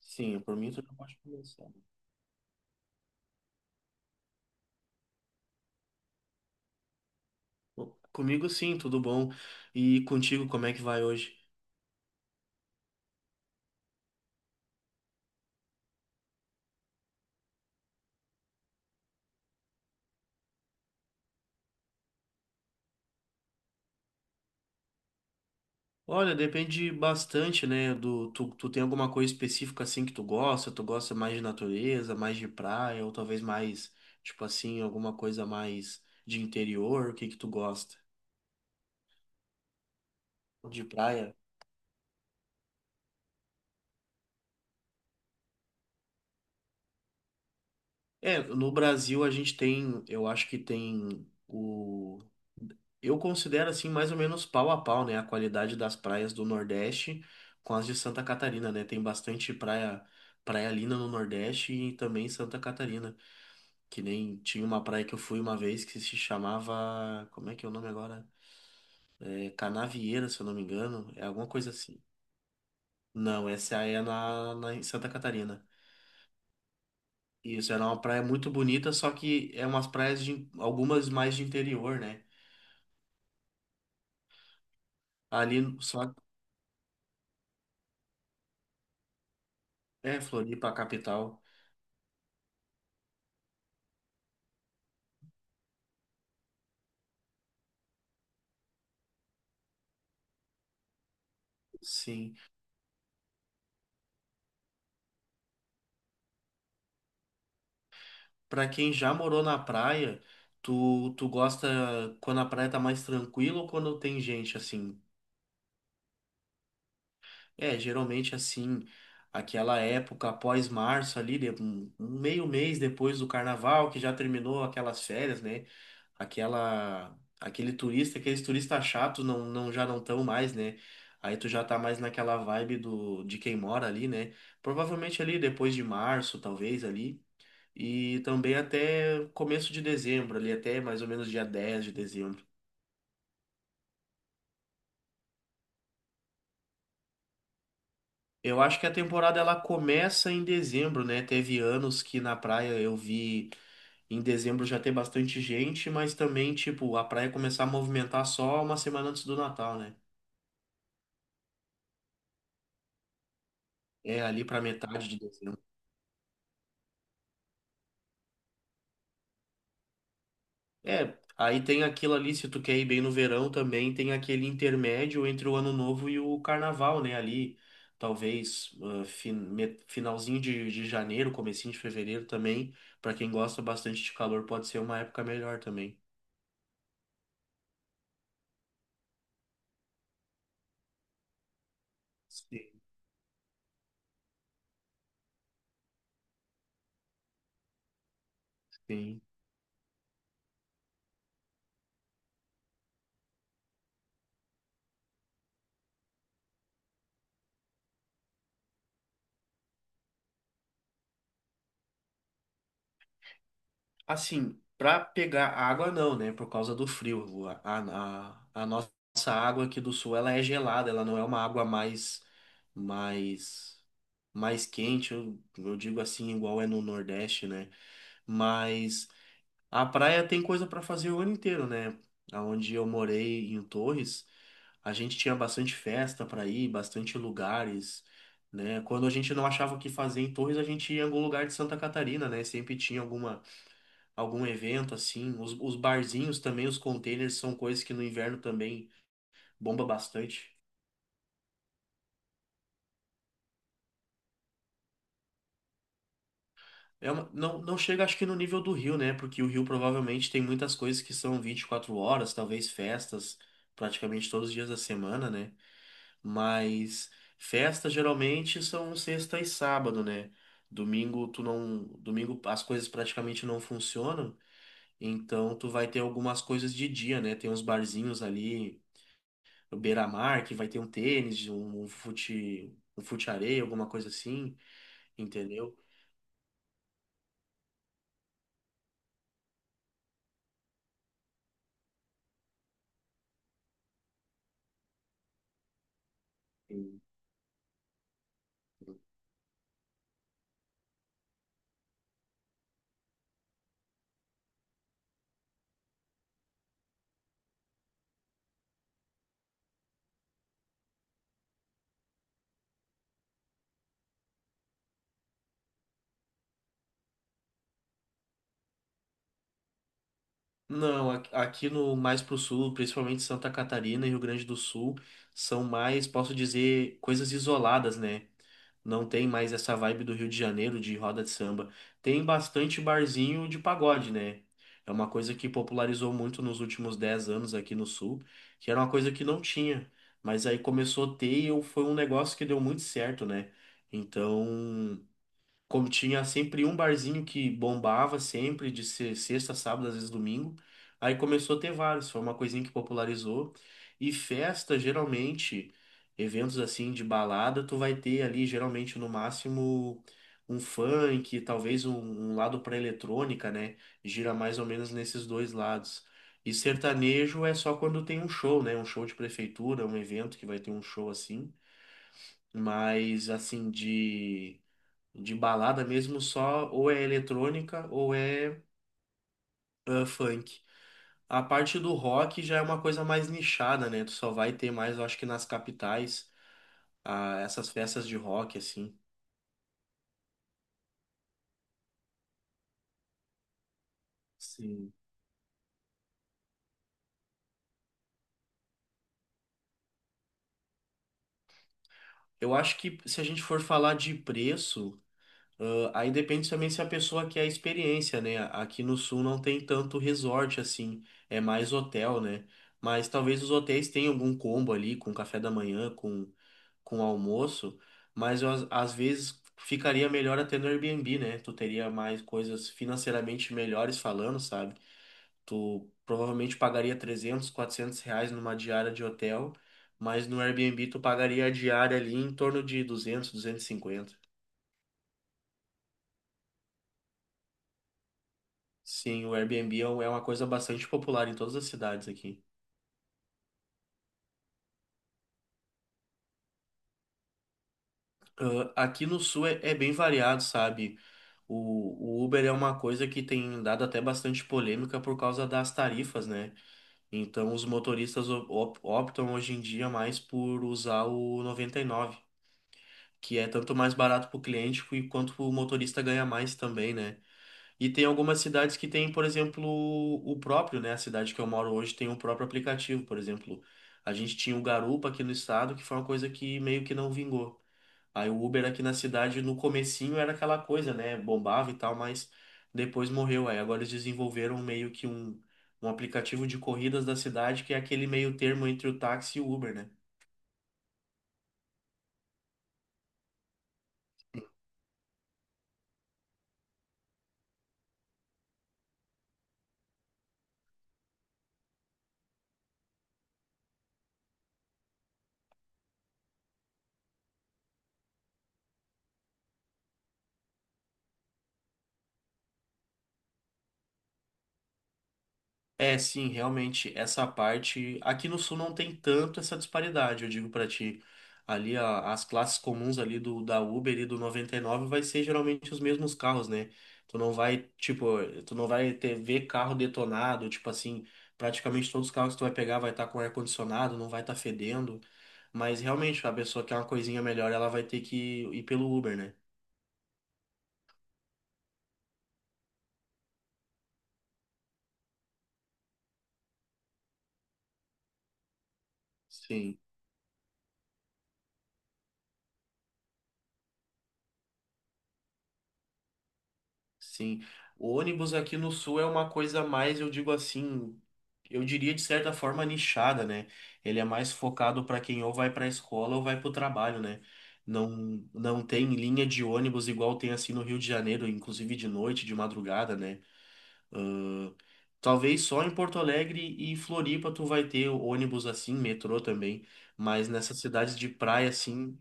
Sim, por mim tu já pode começar. Bom, comigo sim, tudo bom. E contigo, como é que vai hoje? Olha, depende bastante, né, do tu tem alguma coisa específica assim que tu gosta? Tu gosta mais de natureza, mais de praia, ou talvez mais, tipo assim, alguma coisa mais de interior? O que que tu gosta? De praia? É, no Brasil a gente tem, eu acho que tem o. Eu considero assim mais ou menos pau a pau, né? A qualidade das praias do Nordeste com as de Santa Catarina, né? Tem bastante praia, praia linda no Nordeste e também em Santa Catarina. Que nem tinha uma praia que eu fui uma vez que se chamava. Como é que é o nome agora? É Canavieira, se eu não me engano. É alguma coisa assim. Não, essa é na em Santa Catarina. Isso, era uma praia muito bonita, só que é umas praias de algumas mais de interior, né? Ali no- só é Floripa, a capital. Sim. Pra quem já morou na praia, tu gosta quando a praia tá mais tranquila ou quando tem gente assim? É, geralmente assim, aquela época após março ali, de- um meio mês depois do carnaval, que já terminou aquelas férias, né? Aquela, aquele turista, aqueles turistas chatos não, não já não estão mais, né? Aí tu já tá mais naquela vibe do, de quem mora ali, né? Provavelmente ali depois de março, talvez ali, e também até começo de dezembro, ali até mais ou menos dia 10 de dezembro. Eu acho que a temporada ela começa em dezembro, né? Teve anos que na praia eu vi em dezembro já ter bastante gente, mas também, tipo, a praia começar a movimentar só uma semana antes do Natal, né? É ali pra metade de dezembro. É, aí tem aquilo ali, se tu quer ir bem no verão também, tem aquele intermédio entre o Ano Novo e o Carnaval, né? Ali, talvez, fin- me- finalzinho de janeiro, comecinho de fevereiro também, pra quem gosta bastante de calor, pode ser uma época melhor também. Sim. Sim. Assim, para pegar água não, né? Por causa do frio. A nossa água aqui do sul, ela é gelada, ela não é uma água mais mais mais quente, eu digo assim, igual é no Nordeste, né? Mas a praia tem coisa para fazer o ano inteiro, né? Aonde eu morei em Torres, a gente tinha bastante festa para ir, bastante lugares, né? Quando a gente não achava o que fazer em Torres, a gente ia em algum lugar de Santa Catarina, né? Sempre tinha algum evento assim. Os barzinhos também, os containers são coisas que no inverno também bomba bastante. É uma- não, não chega, acho que no nível do Rio, né? Porque o Rio provavelmente tem muitas coisas que são 24 horas, talvez festas, praticamente todos os dias da semana, né? Mas festas geralmente são sexta e sábado, né? Domingo tu não, domingo as coisas praticamente não funcionam, então tu vai ter algumas coisas de dia, né? Tem uns barzinhos ali no Beira-Mar, que vai ter um tênis, um fute, um fute-areia, alguma coisa assim, entendeu? Não, aqui no mais pro sul, principalmente Santa Catarina e Rio Grande do Sul, são mais, posso dizer, coisas isoladas, né? Não tem mais essa vibe do Rio de Janeiro de roda de samba. Tem bastante barzinho de pagode, né? É uma coisa que popularizou muito nos últimos 10 anos aqui no sul, que era uma coisa que não tinha, mas aí começou a ter e eu- foi um negócio que deu muito certo, né? Então, como tinha sempre um barzinho que bombava sempre, de ser sexta, sábado, às vezes domingo. Aí começou a ter vários, foi uma coisinha que popularizou. E festa, geralmente, eventos assim de balada, tu vai ter ali, geralmente, no máximo, um funk, talvez um, um lado pra eletrônica, né? Gira mais ou menos nesses dois lados. E sertanejo é só quando tem um show, né? Um show de prefeitura, um evento que vai ter um show assim. Mas, assim, de. De balada mesmo só ou é eletrônica ou é ah, funk. A parte do rock já é uma coisa mais nichada, né? Tu só vai ter mais, eu acho que nas capitais, ah, essas festas de rock, assim. Sim. Eu acho que se a gente for falar de preço, ah, aí depende também se a pessoa quer a experiência, né? Aqui no sul não tem tanto resort assim, é mais hotel, né? Mas talvez os hotéis tenham algum combo ali com café da manhã, com almoço, mas eu, às vezes ficaria melhor até no Airbnb, né? Tu teria mais coisas financeiramente melhores falando, sabe? Tu provavelmente pagaria 300, 400 reais numa diária de hotel, mas no Airbnb tu pagaria a diária ali em torno de 200, 250. Sim, o Airbnb é um- é uma coisa bastante popular em todas as cidades aqui. Ah, aqui no sul é, é bem variado, sabe? O Uber é uma coisa que tem dado até bastante polêmica por causa das tarifas, né? Então, os motoristas op- op- optam hoje em dia mais por usar o 99, que é tanto mais barato para o cliente que- quanto o motorista ganha mais também, né? E tem algumas cidades que tem, por exemplo, o próprio, né? A cidade que eu moro hoje tem o próprio aplicativo, por exemplo. A gente tinha o Garupa aqui no estado, que foi uma coisa que meio que não vingou. Aí o Uber aqui na cidade, no comecinho, era aquela coisa, né? Bombava e tal, mas depois morreu. Aí agora eles desenvolveram meio que um aplicativo de corridas da cidade, que é aquele meio termo entre o táxi e o Uber, né? É, sim, realmente, essa parte. Aqui no Sul não tem tanto essa disparidade, eu digo pra ti. Ali, a- as classes comuns ali do da Uber e do 99 vai ser geralmente os mesmos carros, né? Tu não vai, tipo, tu não vai ter ver carro detonado, tipo assim, praticamente todos os carros que tu vai pegar vai estar com ar-condicionado, não vai estar fedendo. Mas realmente, a pessoa quer uma coisinha melhor, ela vai ter que ir pelo Uber, né? Sim, sim. O ônibus aqui no Sul é uma coisa mais, eu digo assim. Eu diria de certa forma nichada, né? Ele é mais focado para quem ou vai para a escola ou vai para o trabalho, né? Não, não tem linha de ônibus igual tem assim no Rio de Janeiro, inclusive de noite, de madrugada, né? Talvez só em Porto Alegre e Floripa tu vai ter ônibus assim, metrô também, mas nessas cidades de praia assim,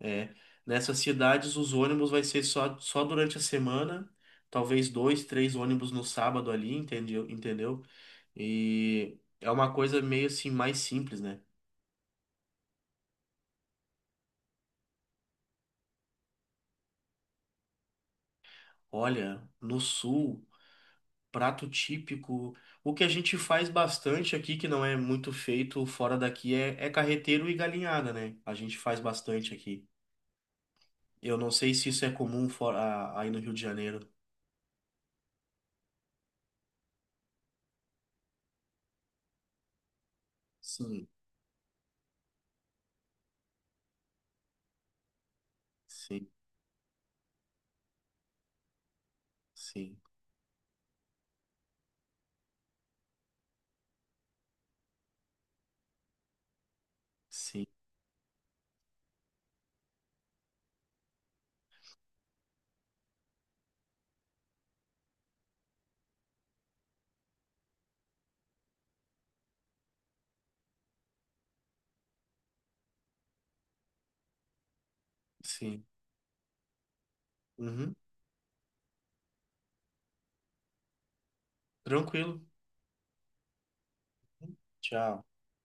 é, nessas cidades os ônibus vai ser só, só durante a semana, talvez dois, três ônibus no sábado ali, entendeu? Entendeu? E é uma coisa meio assim mais simples, né? Olha, no sul, prato típico, o que a gente faz bastante aqui, que não é muito feito fora daqui, é, é carreteiro e galinhada, né? A gente faz bastante aqui. Eu não sei se isso é comum fora, a- aí no Rio de Janeiro. Sim, sim, sim, sim, sim. Uhum. Tranquilo. Tchau.